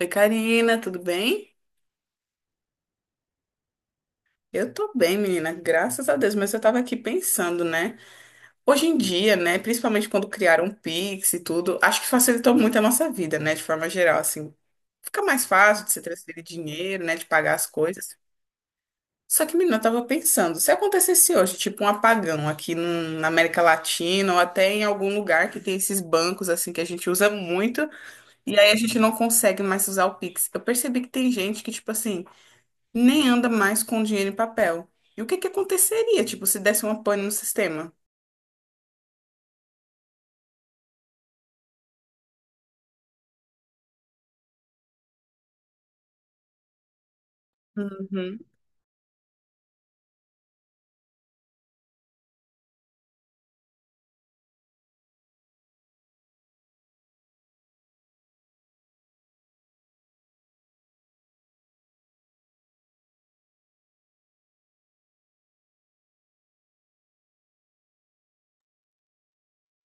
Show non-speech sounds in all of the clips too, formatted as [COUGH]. Oi, Karina, tudo bem? Eu tô bem, menina, graças a Deus, mas eu tava aqui pensando, né? Hoje em dia, né, principalmente quando criaram o Pix e tudo, acho que facilitou muito a nossa vida, né, de forma geral, assim. Fica mais fácil de se transferir dinheiro, né, de pagar as coisas. Só que, menina, eu tava pensando, se acontecesse hoje, tipo um apagão aqui na América Latina ou até em algum lugar que tem esses bancos, assim, que a gente usa muito, e aí a gente não consegue mais usar o Pix. Eu percebi que tem gente que, tipo assim, nem anda mais com dinheiro em papel. E o que que aconteceria, tipo, se desse uma pane no sistema? Uhum.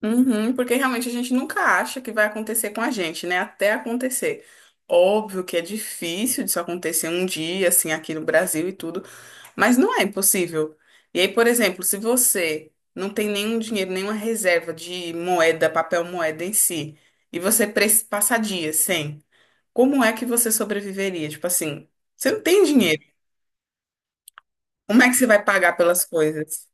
Uhum, porque realmente a gente nunca acha que vai acontecer com a gente, né? Até acontecer. Óbvio que é difícil disso acontecer um dia, assim, aqui no Brasil e tudo, mas não é impossível. E aí, por exemplo, se você não tem nenhum dinheiro, nenhuma reserva de moeda, papel moeda em si, e você passar dias sem, como é que você sobreviveria? Tipo assim, você não tem dinheiro. Como é que você vai pagar pelas coisas?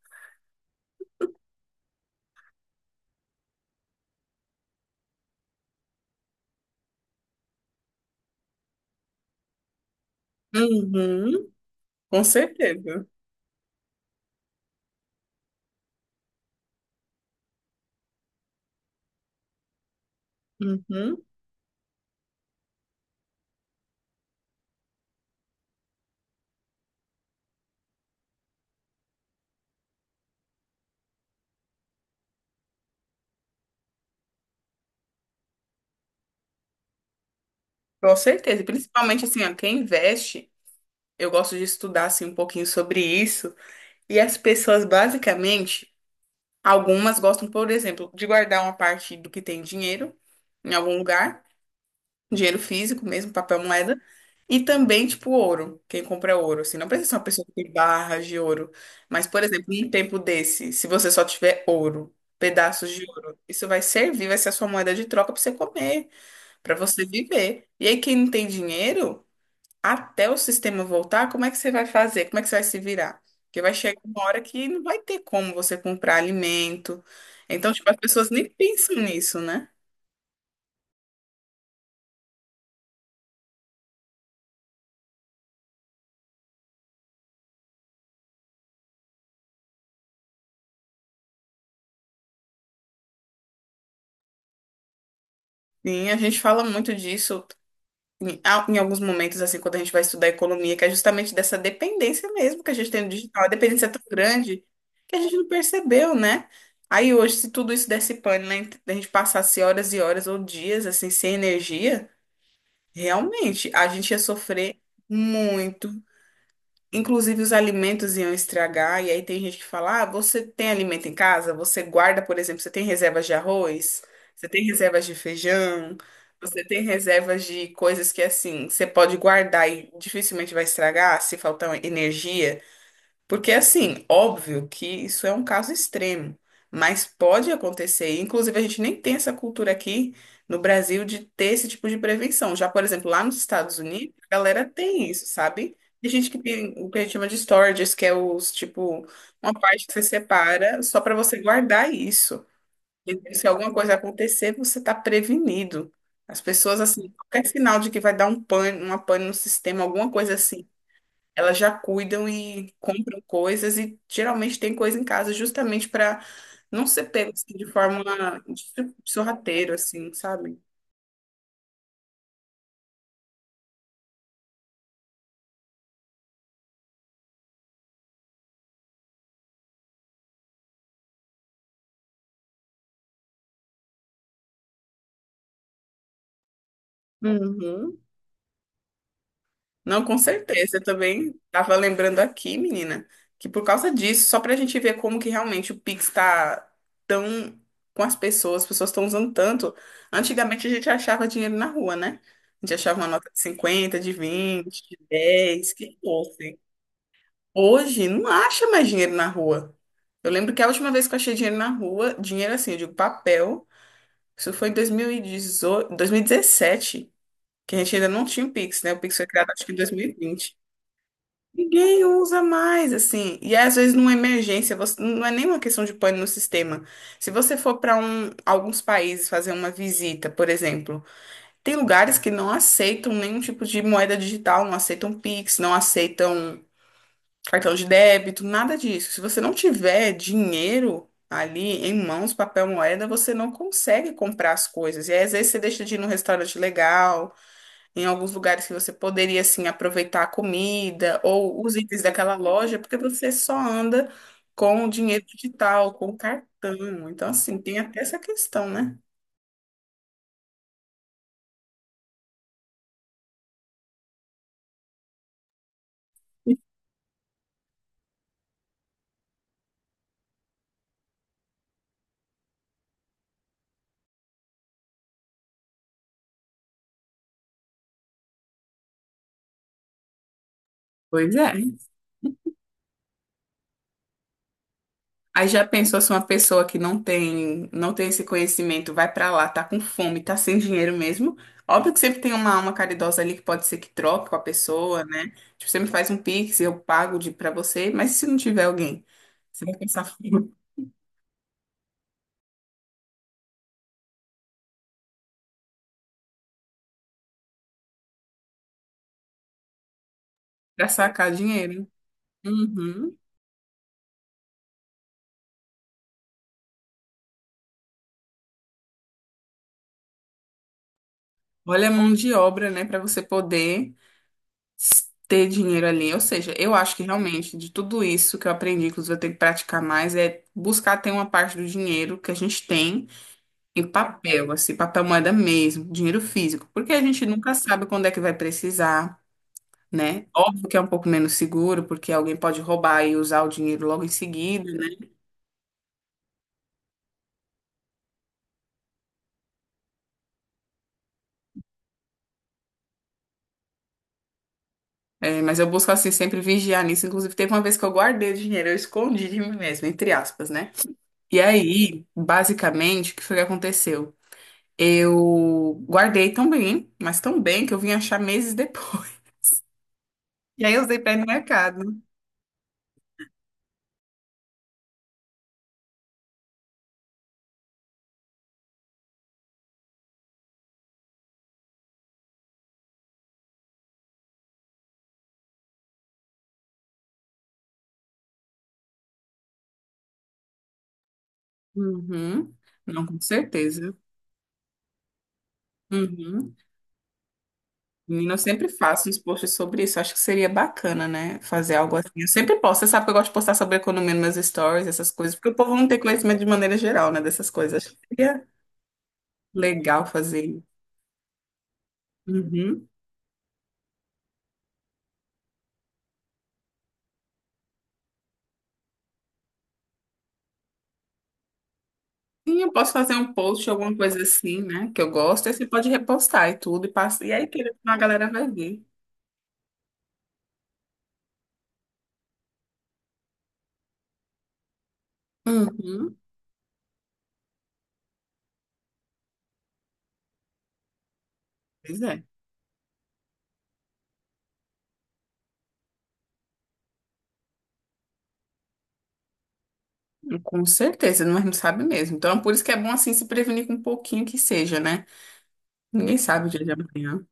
Uhum, com certeza. Uhum, com certeza. Principalmente assim, ó, quem investe, eu gosto de estudar assim um pouquinho sobre isso. E as pessoas basicamente, algumas gostam, por exemplo, de guardar uma parte do que tem dinheiro em algum lugar. Dinheiro físico mesmo, papel moeda, e também, tipo, ouro, quem compra é ouro, assim, não precisa ser uma pessoa que tem barras de ouro, mas, por exemplo, em um tempo desse, se você só tiver ouro, pedaços de ouro, isso vai servir, vai ser a sua moeda de troca para você comer, para você viver. E aí, quem não tem dinheiro, até o sistema voltar, como é que você vai fazer? Como é que você vai se virar? Porque vai chegar uma hora que não vai ter como você comprar alimento. Então, tipo, as pessoas nem pensam nisso, né? Sim, a gente fala muito disso. Em alguns momentos, assim, quando a gente vai estudar economia, que é justamente dessa dependência mesmo que a gente tem do digital, a dependência é tão grande que a gente não percebeu, né? Aí hoje, se tudo isso desse pane, né, a gente passasse horas e horas ou dias, assim, sem energia, realmente, a gente ia sofrer muito. Inclusive, os alimentos iam estragar, e aí tem gente que fala: ah, você tem alimento em casa? Você guarda, por exemplo, você tem reservas de arroz? Você tem reservas de feijão? Você tem reservas de coisas que, assim, você pode guardar e dificilmente vai estragar se faltar energia? Porque, assim, óbvio que isso é um caso extremo, mas pode acontecer. Inclusive, a gente nem tem essa cultura aqui no Brasil de ter esse tipo de prevenção. Já, por exemplo, lá nos Estados Unidos, a galera tem isso, sabe? Tem gente que tem o que a gente chama de storages, que é os, tipo, uma parte que você separa só para você guardar isso. E se alguma coisa acontecer, você está prevenido. As pessoas, assim, qualquer sinal de que vai dar um pane, uma pane no sistema, alguma coisa assim elas já cuidam e compram coisas e geralmente tem coisa em casa justamente para não ser pego assim, de forma de sorrateiro, assim, sabe? Uhum. Não, com certeza. Eu também estava lembrando aqui, menina, que por causa disso, só para a gente ver como que realmente o Pix está tão com as pessoas estão usando tanto. Antigamente a gente achava dinheiro na rua, né? A gente achava uma nota de 50, de 20, de 10, que fosse. Hoje não acha mais dinheiro na rua. Eu lembro que a última vez que eu achei dinheiro na rua, dinheiro assim, eu digo papel, isso foi em 2018, 2017, que a gente ainda não tinha o Pix, né? O Pix foi criado acho que em 2020. Ninguém usa mais, assim. E às vezes, numa emergência, você, não é nenhuma questão de pane no sistema. Se você for para um, alguns países fazer uma visita, por exemplo, tem lugares que não aceitam nenhum tipo de moeda digital, não aceitam Pix, não aceitam cartão de débito, nada disso. Se você não tiver dinheiro ali em mãos, papel, moeda, você não consegue comprar as coisas. E aí, às vezes você deixa de ir num restaurante legal, em alguns lugares que você poderia assim aproveitar a comida ou os itens daquela loja, porque você só anda com o dinheiro digital, com o cartão. Então, assim, tem até essa questão, né? Pois é. Aí já pensou se uma pessoa que não tem, não tem esse conhecimento vai pra lá, tá com fome, tá sem dinheiro mesmo? Óbvio que sempre tem uma alma caridosa ali que pode ser que troque com a pessoa, né? Tipo, você me faz um pix, eu pago de para você, mas e se não tiver alguém, você vai pensar [LAUGHS] pra sacar dinheiro. Uhum. Olha a mão de obra, né, pra você poder ter dinheiro ali. Ou seja, eu acho que realmente de tudo isso que eu aprendi, inclusive eu tenho que praticar mais, é buscar ter uma parte do dinheiro que a gente tem em papel, assim, papel moeda mesmo, dinheiro físico, porque a gente nunca sabe quando é que vai precisar, né? Óbvio que é um pouco menos seguro, porque alguém pode roubar e usar o dinheiro logo em seguida, né? É, mas eu busco, assim, sempre vigiar nisso. Inclusive, teve uma vez que eu guardei o dinheiro, eu escondi de mim mesma, entre aspas, né? E aí, basicamente, o que foi que aconteceu? Eu guardei tão bem, mas tão bem que eu vim achar meses depois. [LAUGHS] E aí eu usei pra ir no mercado. Uhum. Não, com certeza. Uhum. Menina, eu sempre faço uns posts sobre isso. Acho que seria bacana, né? Fazer algo assim. Eu sempre posto. Você sabe que eu gosto de postar sobre economia nos meus stories, essas coisas, porque o povo não tem conhecimento de maneira geral, né? Dessas coisas. Acho que seria legal fazer isso. Uhum. Sim, eu posso fazer um post, alguma coisa assim, né? Que eu gosto. Aí você pode repostar e tudo, e passa. E aí, querendo, ou não, a galera vai ver. Uhum. Pois é. Com certeza, mas não sabe mesmo. Então, por isso que é bom, assim, se prevenir com um pouquinho que seja, né? Ninguém sabe o dia de amanhã.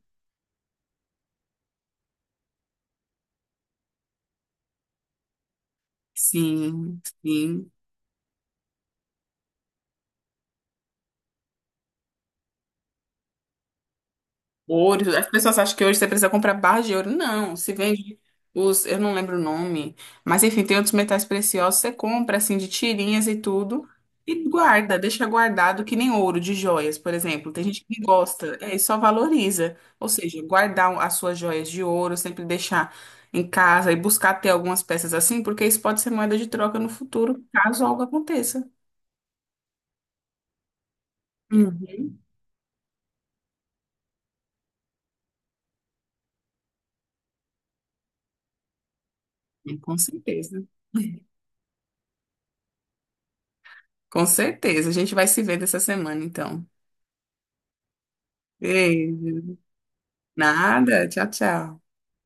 Sim, sim. Ouro. As pessoas acham que hoje você precisa comprar barra de ouro. Não, se vende os, eu não lembro o nome, mas enfim, tem outros metais preciosos, você compra assim de tirinhas e tudo e guarda, deixa guardado que nem ouro de joias, por exemplo. Tem gente que gosta, é, e só valoriza. Ou seja, guardar as suas joias de ouro, sempre deixar em casa e buscar ter algumas peças assim, porque isso pode ser moeda de troca no futuro, caso algo aconteça. Uhum. Com certeza. Com certeza. A gente vai se vendo essa semana, então. Beijo. Nada. Tchau, tchau.